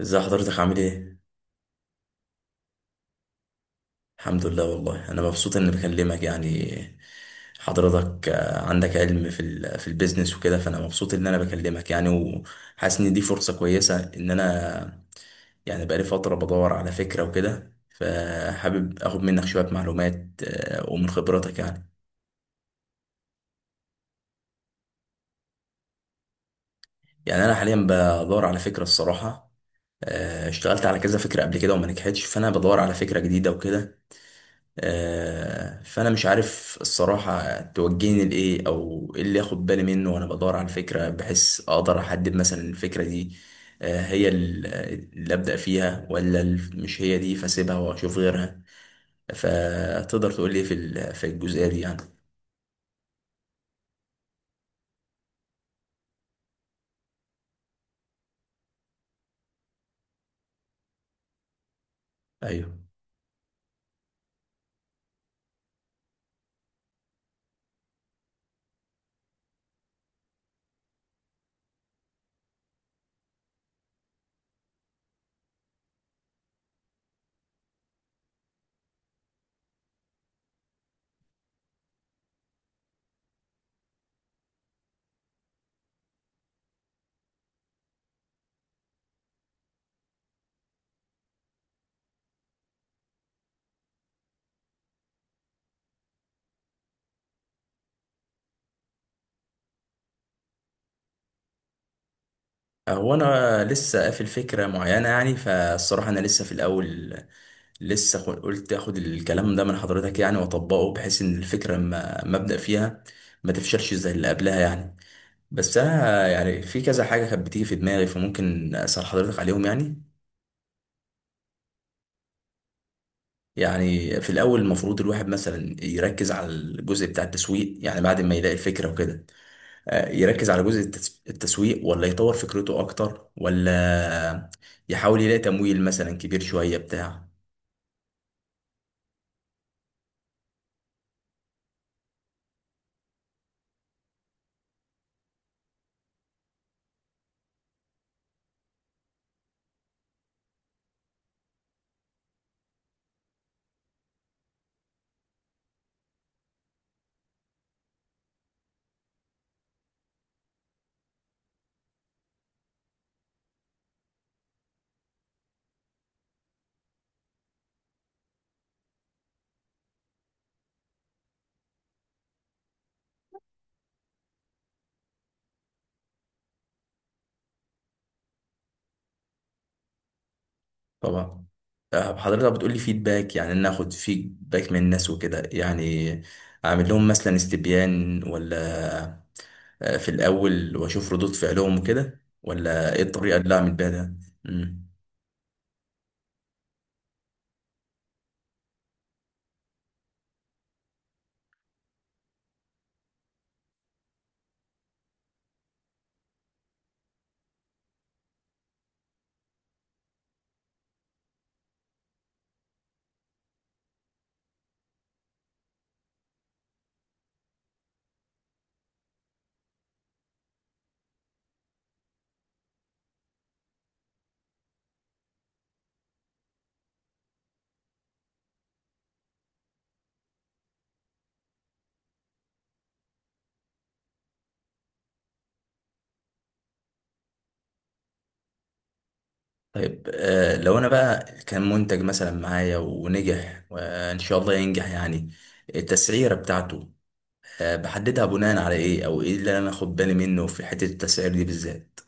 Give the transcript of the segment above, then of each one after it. ازي حضرتك عامل ايه؟ الحمد لله والله انا مبسوط اني بكلمك يعني. حضرتك عندك علم في البيزنس وكده، فانا مبسوط ان انا بكلمك يعني، وحاسس ان دي فرصة كويسة ان انا يعني بقالي فترة بدور على فكرة وكده، فحابب اخد منك شوية معلومات ومن خبرتك يعني. يعني انا حاليا بدور على فكرة الصراحة. اشتغلت على كذا فكرة قبل كده وما نجحتش، فانا بدور على فكرة جديدة وكده. فانا مش عارف الصراحه توجهني لايه او ايه اللي اخد بالي منه وانا بدور على الفكره، بحيث اقدر احدد مثلا الفكره دي آه، هي ال- اللي ابدا فيها، ولا مش هي دي فاسيبها واشوف غيرها. فتقدر تقول لي في الجزئيه دي يعني. ايوه. هو انا لسه قافل فكره معينه يعني، فالصراحه انا لسه في الاول. قلت اخد الكلام ده من حضرتك يعني واطبقه، بحيث ان الفكره لما ما ابدا فيها ما تفشلش زي اللي قبلها يعني. بس انا يعني في كذا حاجه كانت بتيجي في دماغي، فممكن اسال حضرتك عليهم يعني. يعني في الاول المفروض الواحد مثلا يركز على الجزء بتاع التسويق يعني، بعد ما يلاقي الفكره وكده؟ يركز على جزء التسويق، ولا يطور فكرته اكتر، ولا يحاول يلاقي تمويل مثلا كبير شويه بتاع؟ طبعا. حضرتك بتقولي فيدباك، يعني ان اخد فيدباك من الناس وكده يعني؟ اعمل لهم مثلا استبيان، ولا في الأول وأشوف ردود فعلهم وكده، ولا إيه الطريقة اللي أعمل بيها ده؟ مم. طيب لو أنا بقى كان منتج مثلا معايا ونجح وإن شاء الله ينجح يعني، التسعيرة بتاعته بحددها بناء على إيه، أو إيه اللي أنا آخد بالي منه في حتة التسعير دي بالذات؟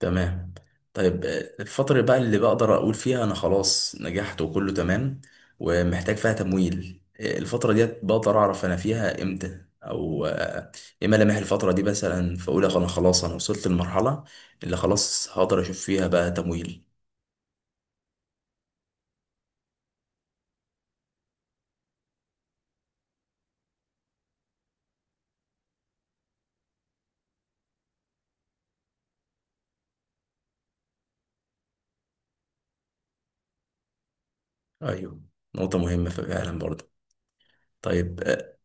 تمام. طيب الفترة بقى اللي بقدر أقول فيها أنا خلاص نجحت وكله تمام ومحتاج فيها تمويل، الفترة ديت بقدر أعرف أنا فيها إمتى، أو إيه ملامح الفترة دي مثلا، فأقول أنا خلاص أنا وصلت للمرحلة اللي خلاص هقدر أشوف فيها بقى تمويل؟ أيوه، نقطة مهمة فعلا برضه. طيب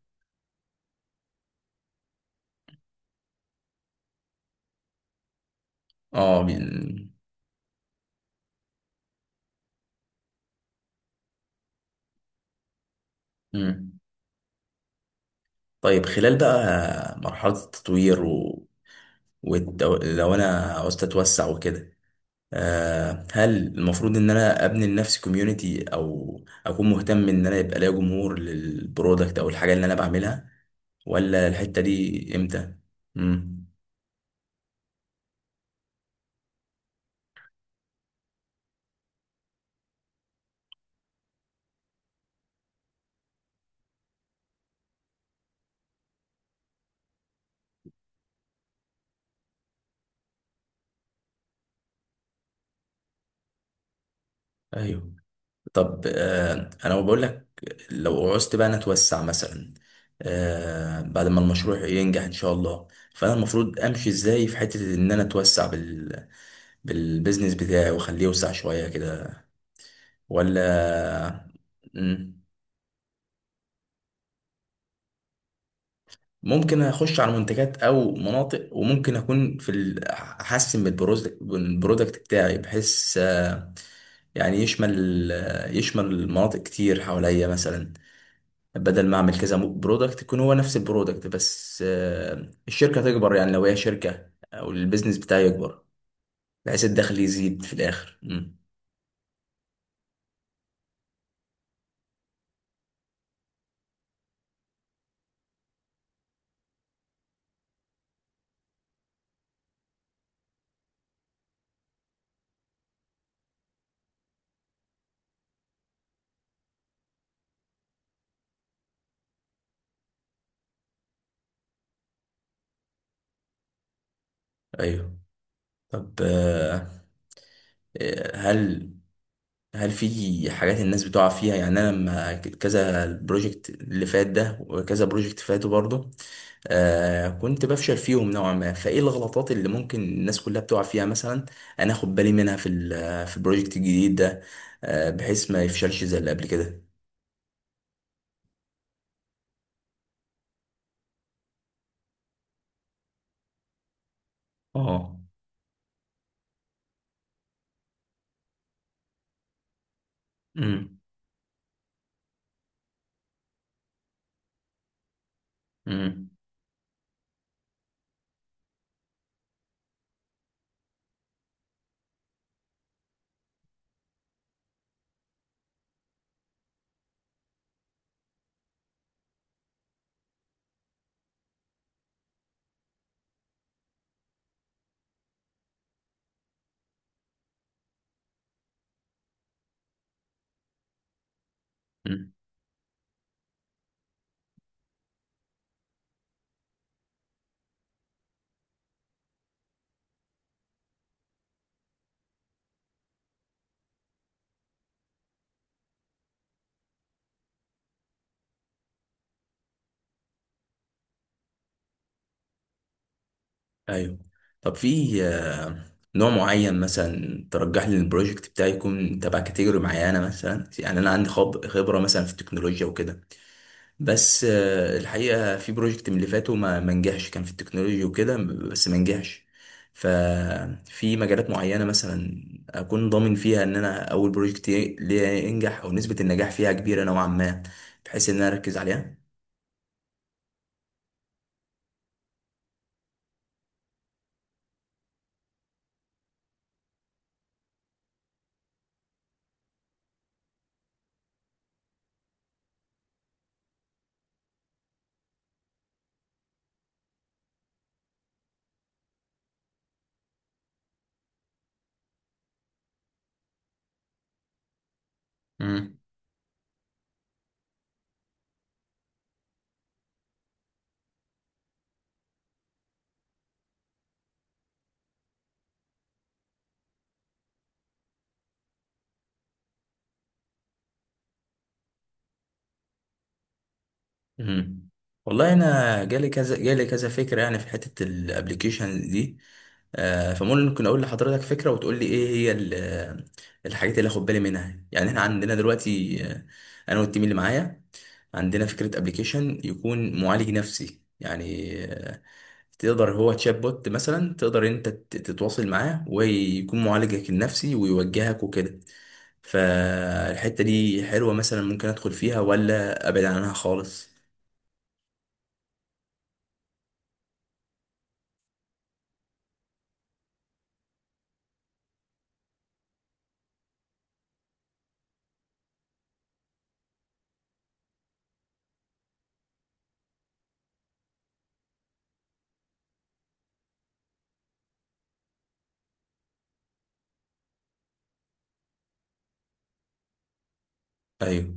آه، بين- مم. طيب خلال بقى مرحلة التطوير لو أنا عاوز أتوسع وكده، هل المفروض ان انا ابني لنفسي كوميونتي، او اكون مهتم ان انا يبقى ليا جمهور للبرودكت او الحاجه اللي انا بعملها، ولا الحته دي امتى؟ امم. ايوه. طب انا بقول لك، لو عوزت بقى انا اتوسع مثلا بعد ما المشروع ينجح ان شاء الله، فانا المفروض امشي ازاي في حته ان انا اتوسع بالبيزنس بتاعي واخليه يوسع شويه كده، ولا؟ مم. ممكن اخش على منتجات او مناطق، وممكن اكون احسن من من البرودكت بتاعي، بحيث يعني يشمل يشمل مناطق كتير حواليا مثلا، بدل ما اعمل كذا برودكت يكون هو نفس البرودكت، بس الشركة تكبر، يعني لو هي شركة او البيزنس بتاعي يكبر بحيث الدخل يزيد في الاخر. مم. ايوه. طب هل هل في حاجات الناس بتقع فيها يعني؟ انا لما كذا البروجكت اللي فات ده وكذا بروجكت فاتوا برضه، كنت بفشل فيهم نوعا ما، فايه الغلطات اللي ممكن الناس كلها بتقع فيها مثلا انا اخد بالي منها في البروجكت الجديد ده، بحيث ما يفشلش زي اللي قبل كده؟ اه. امم. امم. أمم. ايوه. طب في نوع معين مثلا ترجح لي البروجكت بتاعي يكون تبع كاتيجوري معينه مثلا؟ يعني انا عندي خبره مثلا في التكنولوجيا وكده، بس الحقيقة في بروجكت من اللي فاتوا ما نجحش، كان في التكنولوجيا وكده بس ما نجحش. ففي مجالات معينة مثلا أكون ضامن فيها إن أنا أول بروجكت ليا ينجح، أو نسبة النجاح فيها كبيرة نوعا ما، بحيث إن أنا أركز عليها. مم. والله انا جالي جالي كذا فكره يعني في حته الابلكيشن دي، فممكن اقول لحضرتك فكره وتقول لي ايه هي الحاجات اللي اخد بالي منها يعني. احنا عندنا دلوقتي انا والتيم اللي معايا عندنا فكره ابلكيشن يكون معالج نفسي يعني، تقدر هو تشات بوت مثلا، تقدر انت تتواصل معاه ويكون معالجك النفسي ويوجهك وكده. فالحته دي حلوه مثلا ممكن ادخل فيها، ولا ابعد عنها خالص؟ ايوه،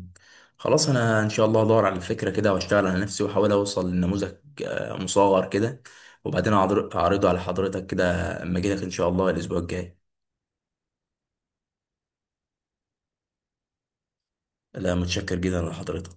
خلاص. انا ان شاء الله ادور على الفكره كده واشتغل على نفسي واحاول اوصل لنموذج مصغر كده، وبعدين اعرضه على حضرتك كده اما اجي لك ان شاء الله الاسبوع الجاي. لا، متشكر جدا لحضرتك.